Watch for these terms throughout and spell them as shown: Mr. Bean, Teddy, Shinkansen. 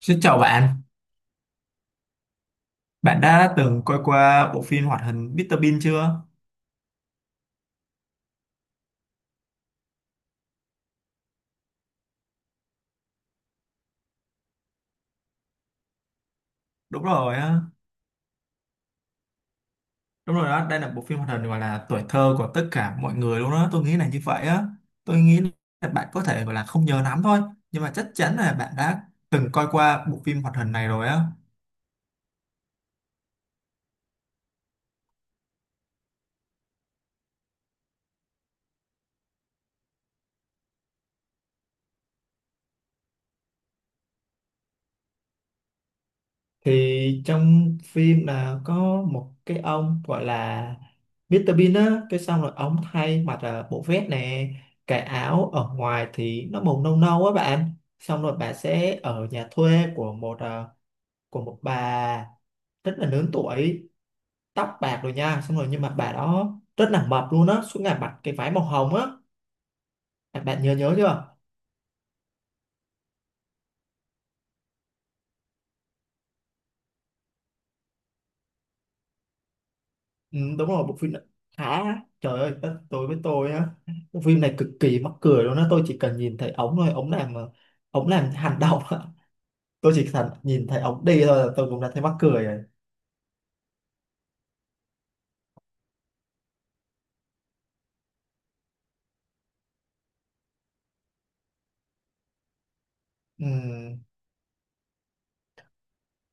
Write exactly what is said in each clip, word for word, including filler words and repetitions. Xin chào bạn, bạn đã từng coi qua bộ phim hoạt hình mít tơ Bean chưa? Đúng rồi á, đúng rồi đó, đây là bộ phim hoạt hình gọi là tuổi thơ của tất cả mọi người luôn đó, tôi nghĩ là như vậy á. Tôi nghĩ là bạn có thể gọi là không nhớ lắm thôi, nhưng mà chắc chắn là bạn đã từng coi qua bộ phim hoạt hình này rồi á. Thì trong phim là có một cái ông gọi là mít tơ Bean á, cái xong rồi ông thay mặc là bộ vest nè, cái áo ở ngoài thì nó màu nâu nâu á bạn. Xong rồi bà sẽ ở nhà thuê của một ờ, của một bà rất là lớn tuổi, tóc bạc rồi nha. Xong rồi nhưng mà bà đó rất là mập luôn á, suốt ngày mặc cái váy màu hồng á. Bạn bạn nhớ nhớ chưa? Ừ, đúng rồi, bộ phim này khá, trời ơi đất tôi với tôi á, bộ phim này cực kỳ mắc cười luôn á. Tôi chỉ cần nhìn thấy ống thôi, ống làm ờ, ống làm hành động á, tôi chỉ cần nhìn thấy ống đi thôi là tôi cũng đã thấy mắc cười rồi. Ừ.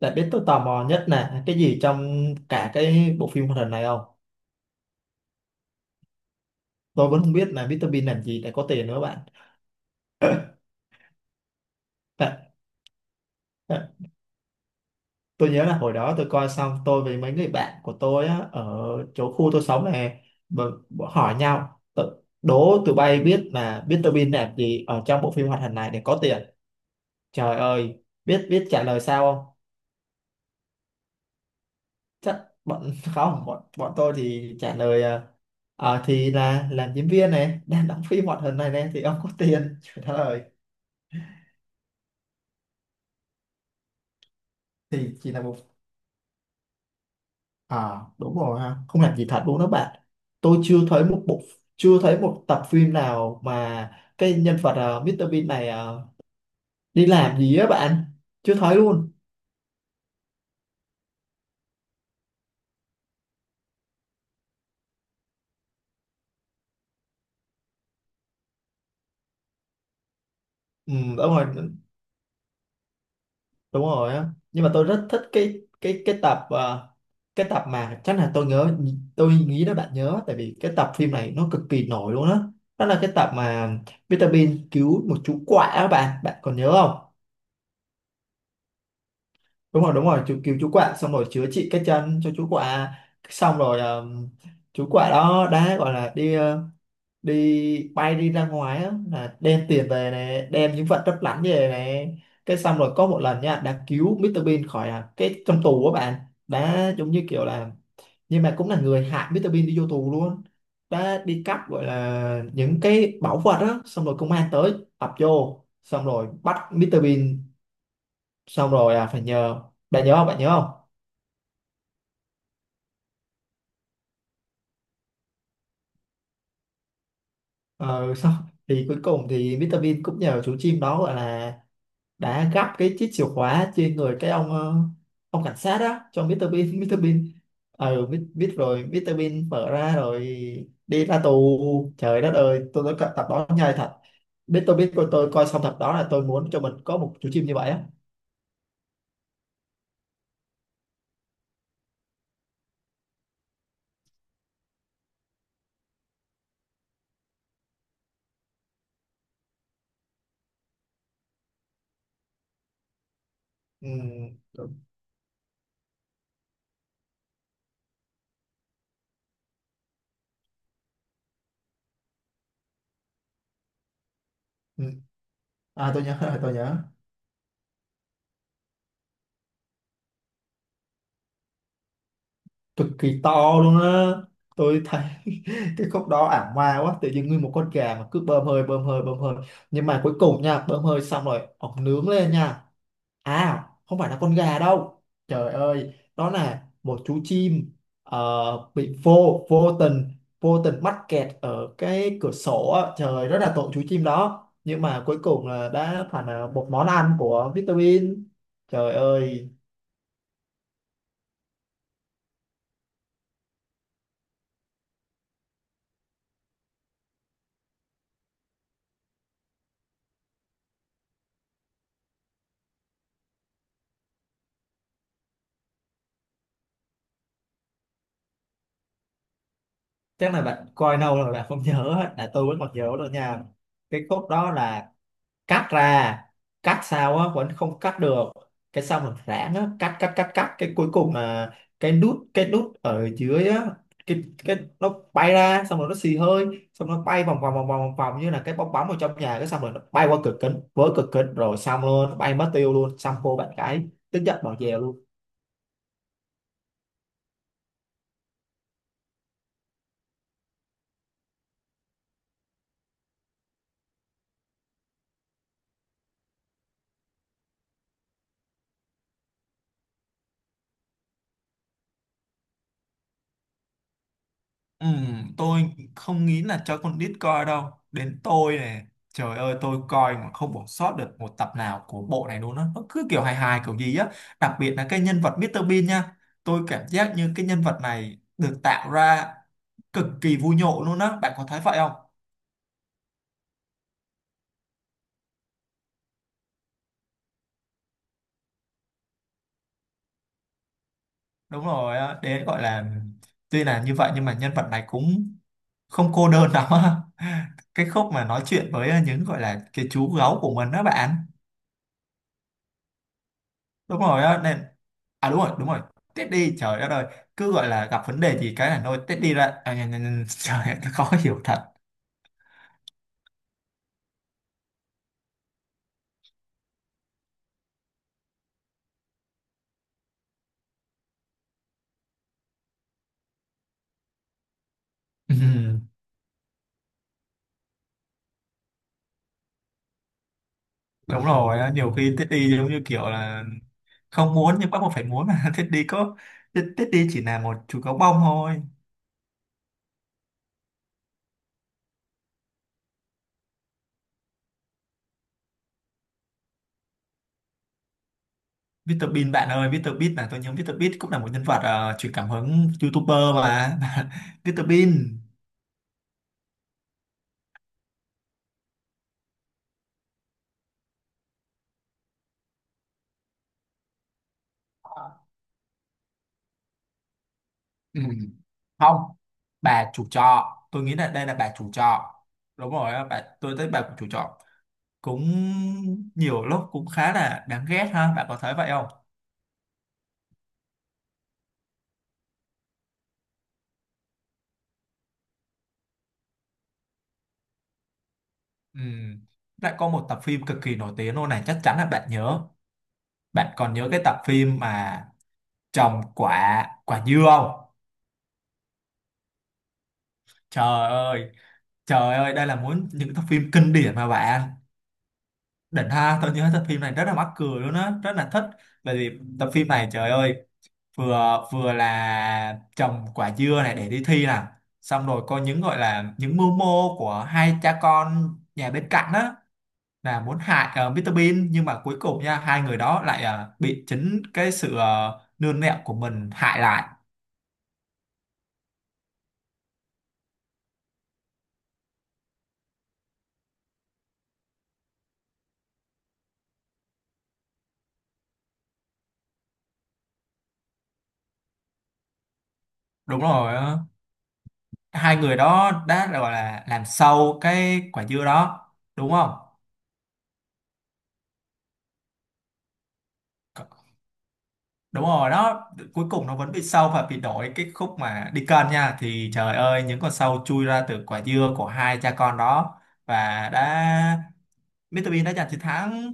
Đã biết tôi tò mò nhất là cái gì trong cả cái bộ phim hoạt hình này không? Tôi vẫn không biết là Mr Bean làm gì để có tiền nữa bạn. Bạn, tôi nhớ là hồi đó tôi coi xong tôi với mấy người bạn của tôi á, ở chỗ khu tôi sống này, bọn- bọn hỏi nhau, tự- đố tụi bay biết là biết mít tơ Bean làm gì ở trong bộ phim hoạt hình này để có tiền, trời ơi biết biết trả lời sao không. Chắc bọn không, bọn bọn tôi thì trả lời ờ, ờ, thì là làm diễn viên này, đang đóng phim hoạt hình này này thì ông có tiền trời đất ơi. Thì chỉ là một. À đúng rồi ha, không làm gì thật luôn đó bạn. Tôi chưa thấy một bộ, chưa thấy một tập phim nào mà cái nhân vật ờ, mít tơ Bean này ờ, đi làm gì á bạn. Chưa thấy luôn. Ừ đúng rồi, đúng rồi á. Nhưng mà tôi rất thích cái cái cái tập ờ, cái tập mà chắc là tôi nhớ, tôi nghĩ đó bạn nhớ tại vì cái tập phim này nó cực kỳ nổi luôn á. Đó. Đó là cái tập mà mít tơ Bean cứu một chú quạ á bạn, bạn còn nhớ không? Đúng rồi, đúng rồi, chú cứu chú quạ xong rồi chữa trị cái chân cho chú quạ. Xong rồi um, chú quạ đó đã gọi là đi ờ, đi bay đi ra ngoài á, là đem tiền về này, đem những vật lấp lánh về này, cái xong rồi có một lần nha đã cứu Mr Bean khỏi à, cái trong tù của bạn. Đã giống như kiểu là, nhưng mà cũng là người hại Mr Bean đi vô tù luôn. Đã đi cắp gọi là những cái bảo vật á, xong rồi công an tới ập vô xong rồi bắt Mr Bean, xong rồi à, phải nhờ. Bạn nhớ không bạn nhớ không Ờ, sau thì cuối cùng thì mít tơ Bean cũng nhờ chú chim đó gọi là, đã gắp cái chiếc chìa khóa trên người cái ông ờ, ông cảnh sát đó cho mít tơ Bean mít tơ Bean ờ biết, biết rồi mít tơ Bean mở ra rồi đi ra tù, trời đất ơi tôi nói cả- tập đó nhai thật, biết tôi biết coi tôi coi xong tập đó là tôi muốn cho mình có một chú chim như vậy á. Ừ. Ừ. À tôi nhớ rồi, tôi nhớ. Cực kỳ to luôn á, tôi thấy cái khúc đó ảo ma quá, tự nhiên nguyên một con gà mà cứ bơm hơi bơm hơi bơm hơi, nhưng mà cuối cùng nha bơm hơi xong rồi ổng nướng lên nha. À không phải là con gà đâu, trời ơi đó là một chú chim ờ, bị vô vô tình, vô tình mắc kẹt ở cái cửa sổ á. Trời rất là tội chú chim đó nhưng mà cuối cùng là đã phải là một món ăn của Vitamin, trời ơi. Chắc là bạn coi lâu rồi bạn không nhớ á, là tôi vẫn còn nhớ được nha. Cái khúc đó là cắt ra, cắt sao á vẫn không cắt được, cái sau mình rãng á cắt cắt cắt cắt, cái cuối cùng là cái nút, cái nút ở dưới á, cái cái nó bay ra xong rồi nó xì hơi, xong nó bay vòng vòng vòng vòng vòng vòng như là cái bong bóng ở trong nhà, cái xong rồi nó bay qua cửa kính, vỡ cửa kính rồi, xong luôn, bay mất tiêu luôn, xong cô bạn gái tức giận bỏ về luôn. Ừ, tôi không nghĩ là cho con nít coi đâu, đến tôi này trời ơi tôi coi mà không bỏ sót được một tập nào của bộ này luôn á, nó cứ kiểu hài hài kiểu gì á. Đặc biệt là cái nhân vật mít tơ Bean nha, tôi cảm giác như cái nhân vật này được tạo ra cực kỳ vui nhộn luôn á, bạn có thấy vậy không? Đúng rồi á, đấy gọi là tuy là như vậy nhưng mà nhân vật này cũng không cô đơn lắm á cái khúc mà nói chuyện với những gọi là cái chú gấu của mình đó bạn. Đúng rồi á nên, à đúng rồi đúng rồi, tết đi trời đất ơi, cứ gọi là gặp vấn đề gì cái là nôi Teddy ra à, nhờ, nhờ, nhờ, trời ơi, nó khó hiểu thật. Ừm, đúng rồi á, nhiều khi tết đi giống như kiểu là không muốn nhưng bắt buộc phải muốn mà tết đi có, tết Tết đi chỉ là một chú gấu bông thôi. Mr Bean bạn ơi, Mr Bean là tôi nhớ Mr Bean cũng là một nhân vật ờ, truyền cảm hứng YouTuber mà Mr Bean. Ừ. Không, bà chủ trọ, tôi nghĩ là đây là bà chủ trọ. Đúng rồi á, bà tôi thấy bà chủ trọ cũng nhiều lúc cũng khá là đáng ghét ha, bạn có thấy vậy không? Ừ. Lại có một tập phim cực kỳ nổi tiếng luôn này, chắc chắn là bạn nhớ. Bạn còn nhớ cái tập phim mà trồng quả quả dưa không? Trời ơi, trời ơi, đây là muốn những tập phim kinh điển mà bạn. Đỉnh ha, tôi nhớ tập phim này rất là mắc cười luôn á, rất là thích. Bởi vì tập phim này trời ơi, vừa vừa là trồng quả dưa này để đi thi nè, xong rồi có những gọi là những mưu mô của hai cha con nhà bên cạnh á, là muốn hại uh, Mr Bean nhưng mà cuối cùng nha hai người đó lại ờ, bị chính cái sự uh, nương nẹo của mình hại lại. Đúng rồi á. Hai người đó đã gọi là làm sâu cái quả dưa đó đúng không? Đúng rồi đó, cuối cùng nó vẫn bị sâu và bị đổi, cái khúc mà đi cân nha thì trời ơi những con sâu chui ra từ quả dưa của hai cha con đó, và đã, Mr Bean đã giành chiến thắng.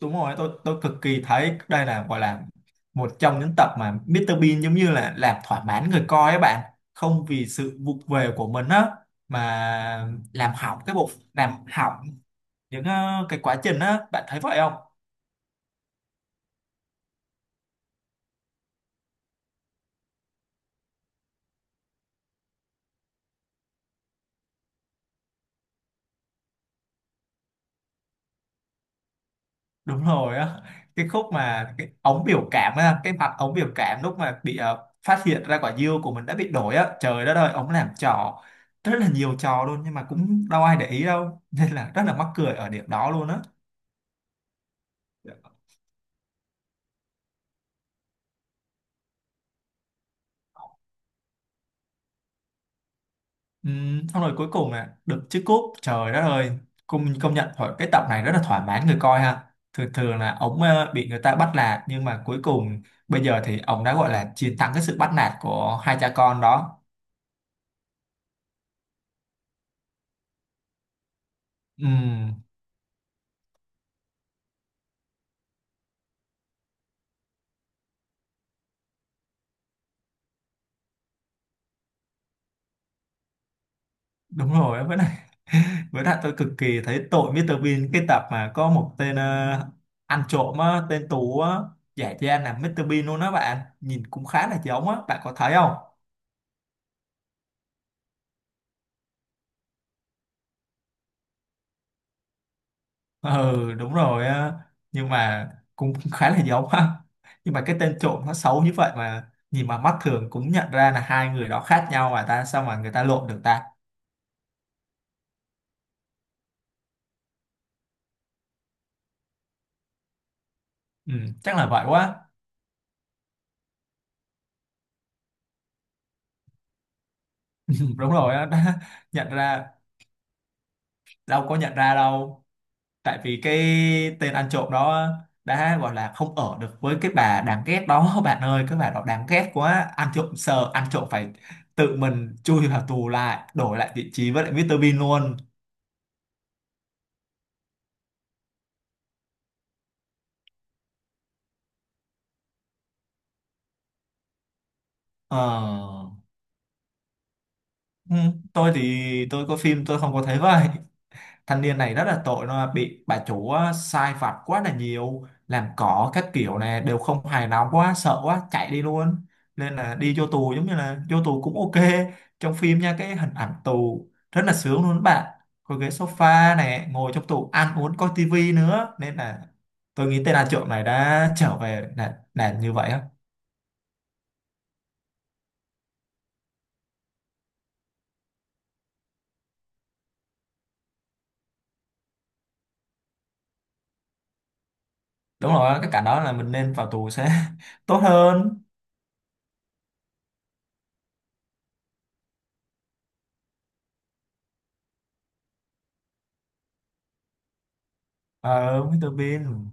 Đúng rồi, tôi tôi cực kỳ thấy đây là gọi là một trong những tập mà Mr Bean giống như là làm thỏa mãn người coi ấy bạn, không vì sự vụng về của mình á mà làm hỏng cái bộ, làm hỏng những ờ, cái quá trình á, bạn thấy vậy không? Đúng rồi á, cái khúc mà cái ống biểu cảm á, cái mặt ống biểu cảm lúc mà bị ờ, phát hiện ra quả dưa của mình đã bị đổi á, trời đất ơi ống làm trò, rất là nhiều trò luôn nhưng mà cũng đâu ai để ý đâu nên là rất là mắc cười ở điểm đó luôn á. Ừm, xong rồi cuối cùng là được chiếc cúp, trời đất ơi, công công nhận thôi cái tập này rất là thỏa mãn người coi ha. Thường thường là ống ờ, bị người ta bắt nạt nhưng mà cuối cùng bây giờ thì ông đã gọi là chiến thắng cái sự bắt nạt của hai cha con đó. Ừm, đúng rồi, với lại, Với lại tôi cực kỳ thấy tội mít tơ Bean, cái tập mà có một tên ờ, ăn trộm á, tên Tú á, giả trang là mít tơ Bean luôn đó bạn. Nhìn cũng khá là giống á, bạn có thấy không? Ừ, đúng rồi á. Nhưng mà cũng khá là giống á. Nhưng mà cái tên trộm nó xấu như vậy mà nhìn mà mắt thường cũng nhận ra là hai người đó khác nhau mà ta, sao mà người ta lộn được ta? Ừ, chắc là vậy quá. Ừ, đúng rồi á, đã nhận ra, đâu có nhận ra đâu. Tại vì cái tên ăn trộm đó đã gọi là không ở được với cái bà đáng ghét đó bạn ơi, cái bà đó đáng ghét quá, ăn trộm sợ, ăn trộm phải tự mình chui vào tù, lại đổi lại vị trí với lại mít tơ Bean luôn. Ờ, ừ, tôi thì tôi có phim tôi không có thấy vậy. Thanh niên này rất là tội, nó bị bà chủ á sai vặt quá là nhiều, làm cỏ các kiểu này đều không hài lòng quá, sợ quá, chạy đi luôn nên là đi vô tù, giống như là vô tù cũng ok. Trong phim nha, cái hình ảnh tù rất là sướng luôn các bạn, có ghế sofa này, ngồi trong tù ăn uống coi tivi nữa, nên là tôi nghĩ tên ăn trộm này đã trở về là, là như vậy á. Đúng rồi, cái cảnh đó là mình nên vào tù sẽ tốt hơn. Ờ, mít tơ Bean,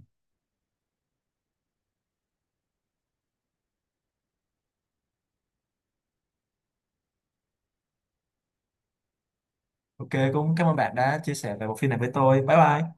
ok cũng cảm ơn bạn đã chia sẻ về bộ phim này với tôi, bye bye.